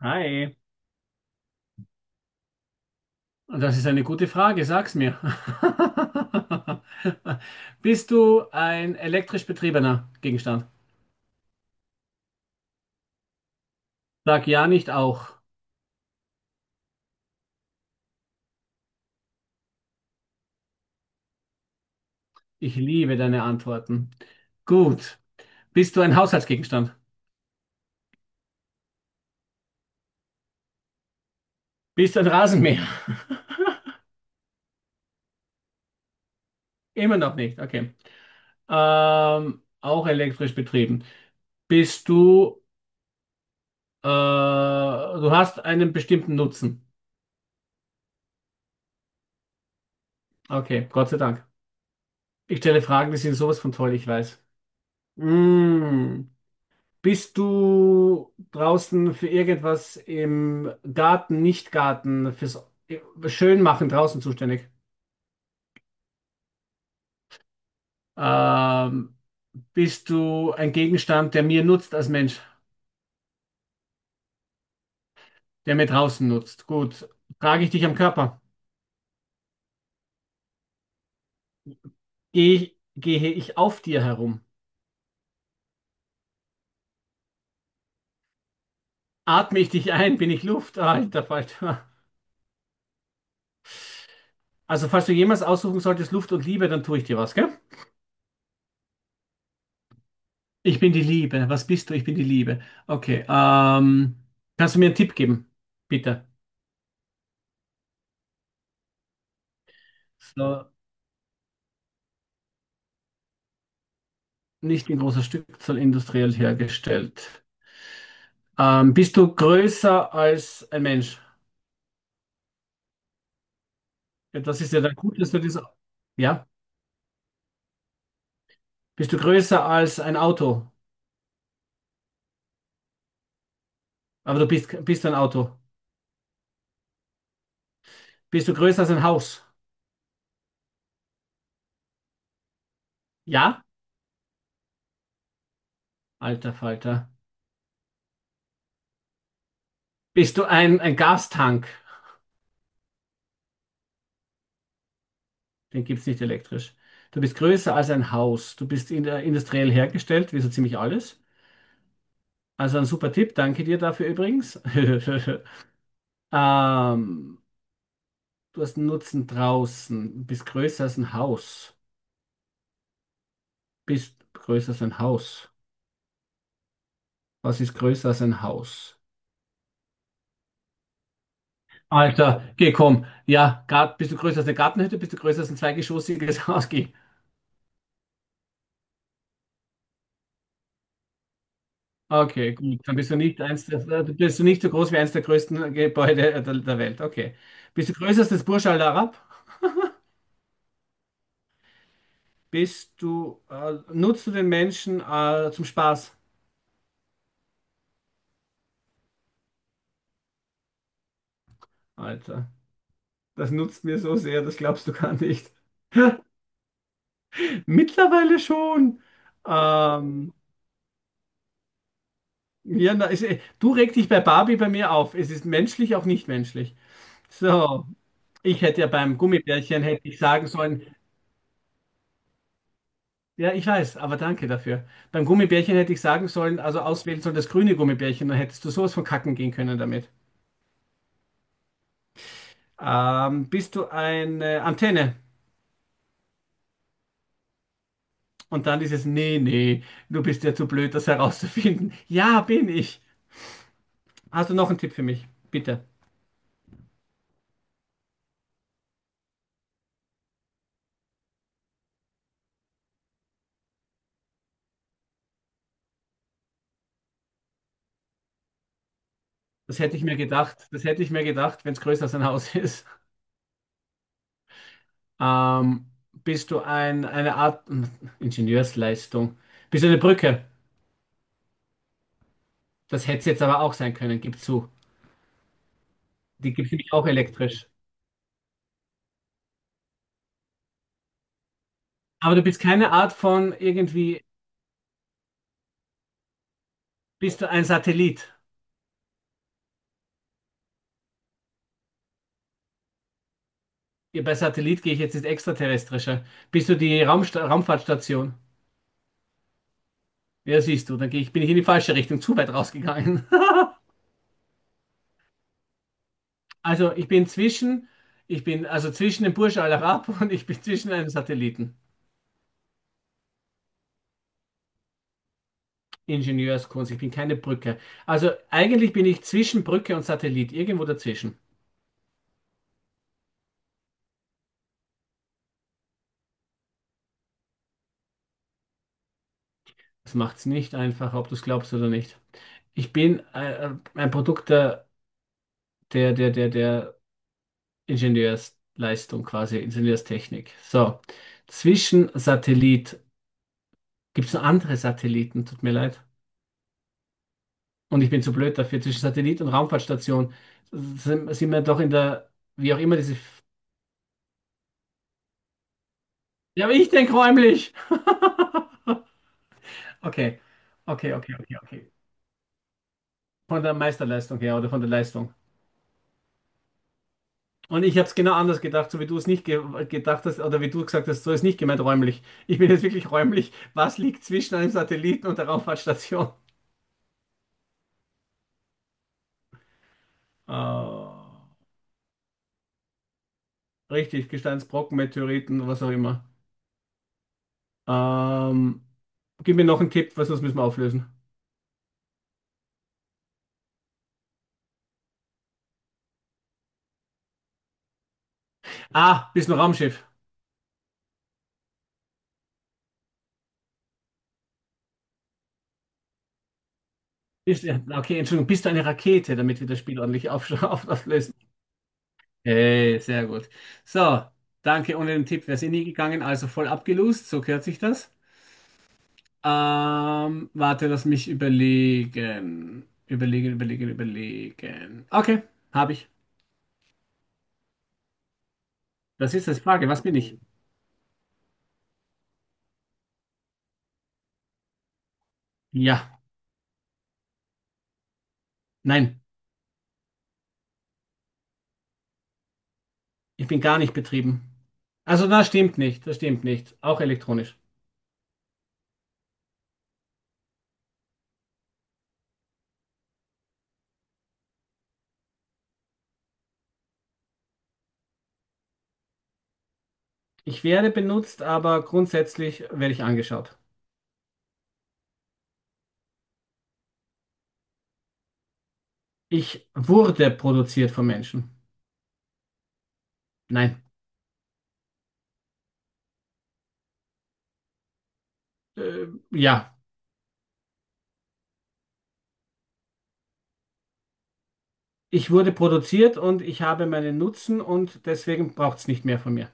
Hi, das ist eine gute Frage, sag's mir. Bist du ein elektrisch betriebener Gegenstand? Sag ja nicht auch. Ich liebe deine Antworten. Gut. Bist du ein Haushaltsgegenstand? Bist du ein Rasenmäher? Immer noch nicht, okay. Auch elektrisch betrieben. Bist du, Du hast einen bestimmten Nutzen. Okay, Gott sei Dank. Ich stelle Fragen, die sind sowas von toll, ich weiß. Mm. Bist du draußen für irgendwas im Garten, Nicht-Garten, fürs Schönmachen draußen zuständig? Ähm, Bist du ein Gegenstand, der mir nutzt als Mensch, der mir draußen nutzt? Gut. Trage ich dich am Körper? Gehe ich auf dir herum? Atme ich dich ein? Bin ich Luft? Ah, Alter Falter. Also, falls du jemals aussuchen solltest, Luft und Liebe, dann tue ich dir was, gell? Ich bin die Liebe. Was bist du? Ich bin die Liebe. Okay. Kannst du mir einen Tipp geben? Bitte. So, nicht in großer Stückzahl industriell hergestellt. Bist du größer als ein Mensch? Ja, das ist ja dann gut, dass du das. Ja? Bist du größer als ein Auto? Aber du bist ein Auto. Bist du größer als ein Haus? Ja? Alter Falter. Bist du ein Gastank? Den gibt es nicht elektrisch. Du bist größer als ein Haus. Du bist in der industriell hergestellt, wie so ziemlich alles. Also ein super Tipp, danke dir dafür übrigens. ähm, Du hast einen Nutzen draußen, bist größer als ein Haus. Bist größer als ein Haus. Was ist größer als ein Haus? Alter, geh, komm. Ja, bist du größer als eine Gartenhütte? Bist du größer als ein zweigeschossiges Haus? Geh. Okay, gut. Dann bist du nicht eins der, bist du nicht so groß wie eins der größten Gebäude der Welt. Okay. Bist du größer als das Burj Al Arab? Nutzt du den Menschen zum Spaß? Alter, das nutzt mir so sehr, das glaubst du gar nicht. Mittlerweile schon. Ähm, Ja, na, du regst dich bei Barbie bei mir auf. Es ist menschlich, auch nicht menschlich. So, ich hätte ja beim Gummibärchen hätte ich sagen sollen, ja, ich weiß, aber danke dafür. Beim Gummibärchen hätte ich sagen sollen, also auswählen sollen das grüne Gummibärchen, dann hättest du sowas von kacken gehen können damit. Bist du eine Antenne? Und dann dieses, nee, nee, du bist ja zu blöd, das herauszufinden. Ja, bin ich. Hast du noch einen Tipp für mich? Bitte. Das hätte ich mir gedacht. Das hätte ich mir gedacht, wenn es größer als ein Haus ist. Ähm, Bist du ein, eine Art Ingenieursleistung? Bist du eine Brücke? Das hätte es jetzt aber auch sein können, gib zu. Die gibt es nämlich auch elektrisch. Aber du bist keine Art von irgendwie, bist du ein Satellit? Ja, bei Satellit gehe ich jetzt ins Extraterrestrische. Bist du die Raumsta Raumfahrtstation? Ja, siehst du, dann bin ich in die falsche Richtung, zu weit rausgegangen. Also ich bin zwischen, Ich bin also zwischen dem Burj Al Arab und ich bin zwischen einem Satelliten. Ingenieurskunst, ich bin keine Brücke. Also eigentlich bin ich zwischen Brücke und Satellit, irgendwo dazwischen. Das macht es nicht einfach, ob du es glaubst oder nicht. Ich bin ein Produkt der Ingenieursleistung quasi, Ingenieurstechnik. So, zwischen Satellit gibt es noch andere Satelliten, tut mir leid. Und ich bin zu blöd dafür. Zwischen Satellit und Raumfahrtstation sind wir doch in der, wie auch immer diese. Ja, aber ich denke räumlich. Okay, okay. Von der Meisterleistung her oder von der Leistung. Und ich habe es genau anders gedacht, so wie du es nicht ge gedacht hast oder wie du gesagt hast, so ist nicht gemeint räumlich. Ich bin jetzt wirklich räumlich. Was liegt zwischen einem Satelliten und der Raumfahrtstation? Äh, Richtig, Gesteinsbrocken, Meteoriten, was auch immer. Ähm, Gib mir noch einen Tipp, was sonst müssen wir auflösen. Ah, bist du ein Raumschiff? Ja, okay, Entschuldigung, bist du eine Rakete, damit wir das Spiel ordentlich auf, auflösen? Hey, sehr gut. So, danke. Ohne den Tipp wäre es eh nie gegangen, also voll abgelost, so gehört sich das. Warte, lass mich überlegen. Überlegen, überlegen, überlegen. Okay, habe ich. Was ist das? Frage, was bin ich? Hm. Ja, nein, ich bin gar nicht betrieben. Also, das stimmt nicht, das stimmt nicht. Auch elektronisch. Ich werde benutzt, aber grundsätzlich werde ich angeschaut. Ich wurde produziert von Menschen. Nein. Ja, ich wurde produziert und ich habe meinen Nutzen und deswegen braucht es nicht mehr von mir.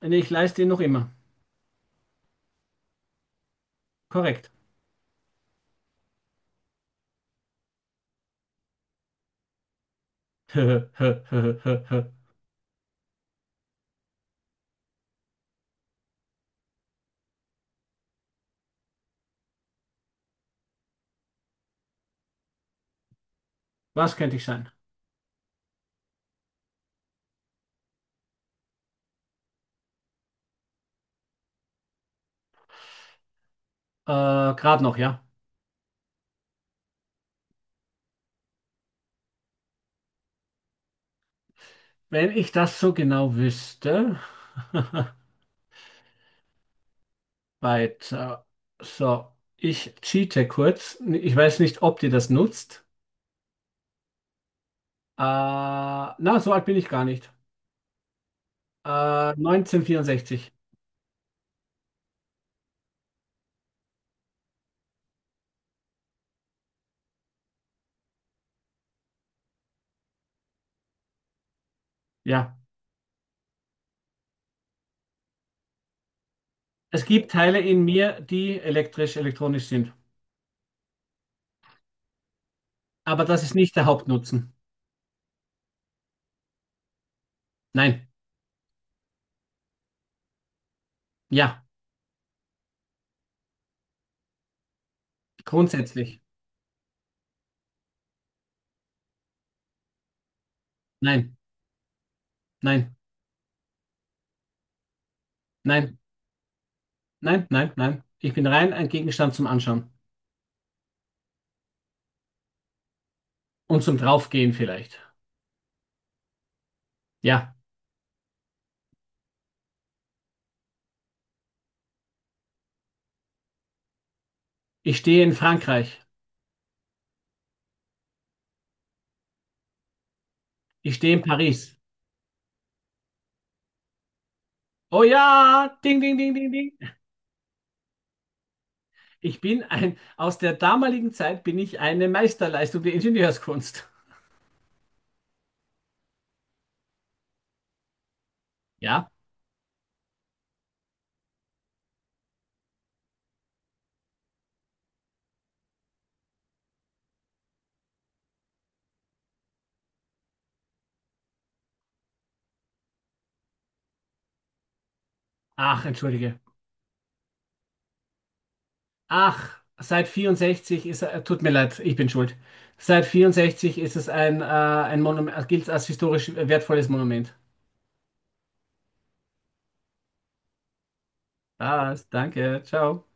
Nee, ich leiste ihn noch immer. Korrekt. Was könnte ich sein? Äh, Gerade noch, ja. Wenn ich das so genau wüsste. Weiter. So, ich cheate kurz. Ich weiß nicht, ob dir das nutzt. Na, so alt bin ich gar nicht. 1964. Ja. Es gibt Teile in mir, die elektrisch, elektronisch sind. Aber das ist nicht der Hauptnutzen. Nein. Ja. Grundsätzlich. Nein. Nein. Nein. Nein. Nein. Nein. Ich bin rein ein Gegenstand zum Anschauen. Und zum Draufgehen vielleicht. Ja. Ich stehe in Frankreich. Ich stehe in Paris. Oh ja, ding, ding, ding, ding, ding. Ich bin ein, aus der damaligen Zeit bin ich eine Meisterleistung der Ingenieurskunst. Ja? Ach, entschuldige. Ach, tut mir leid, ich bin schuld. Seit 64 ist es ein Monument, gilt als historisch wertvolles Monument. Was? Danke, ciao.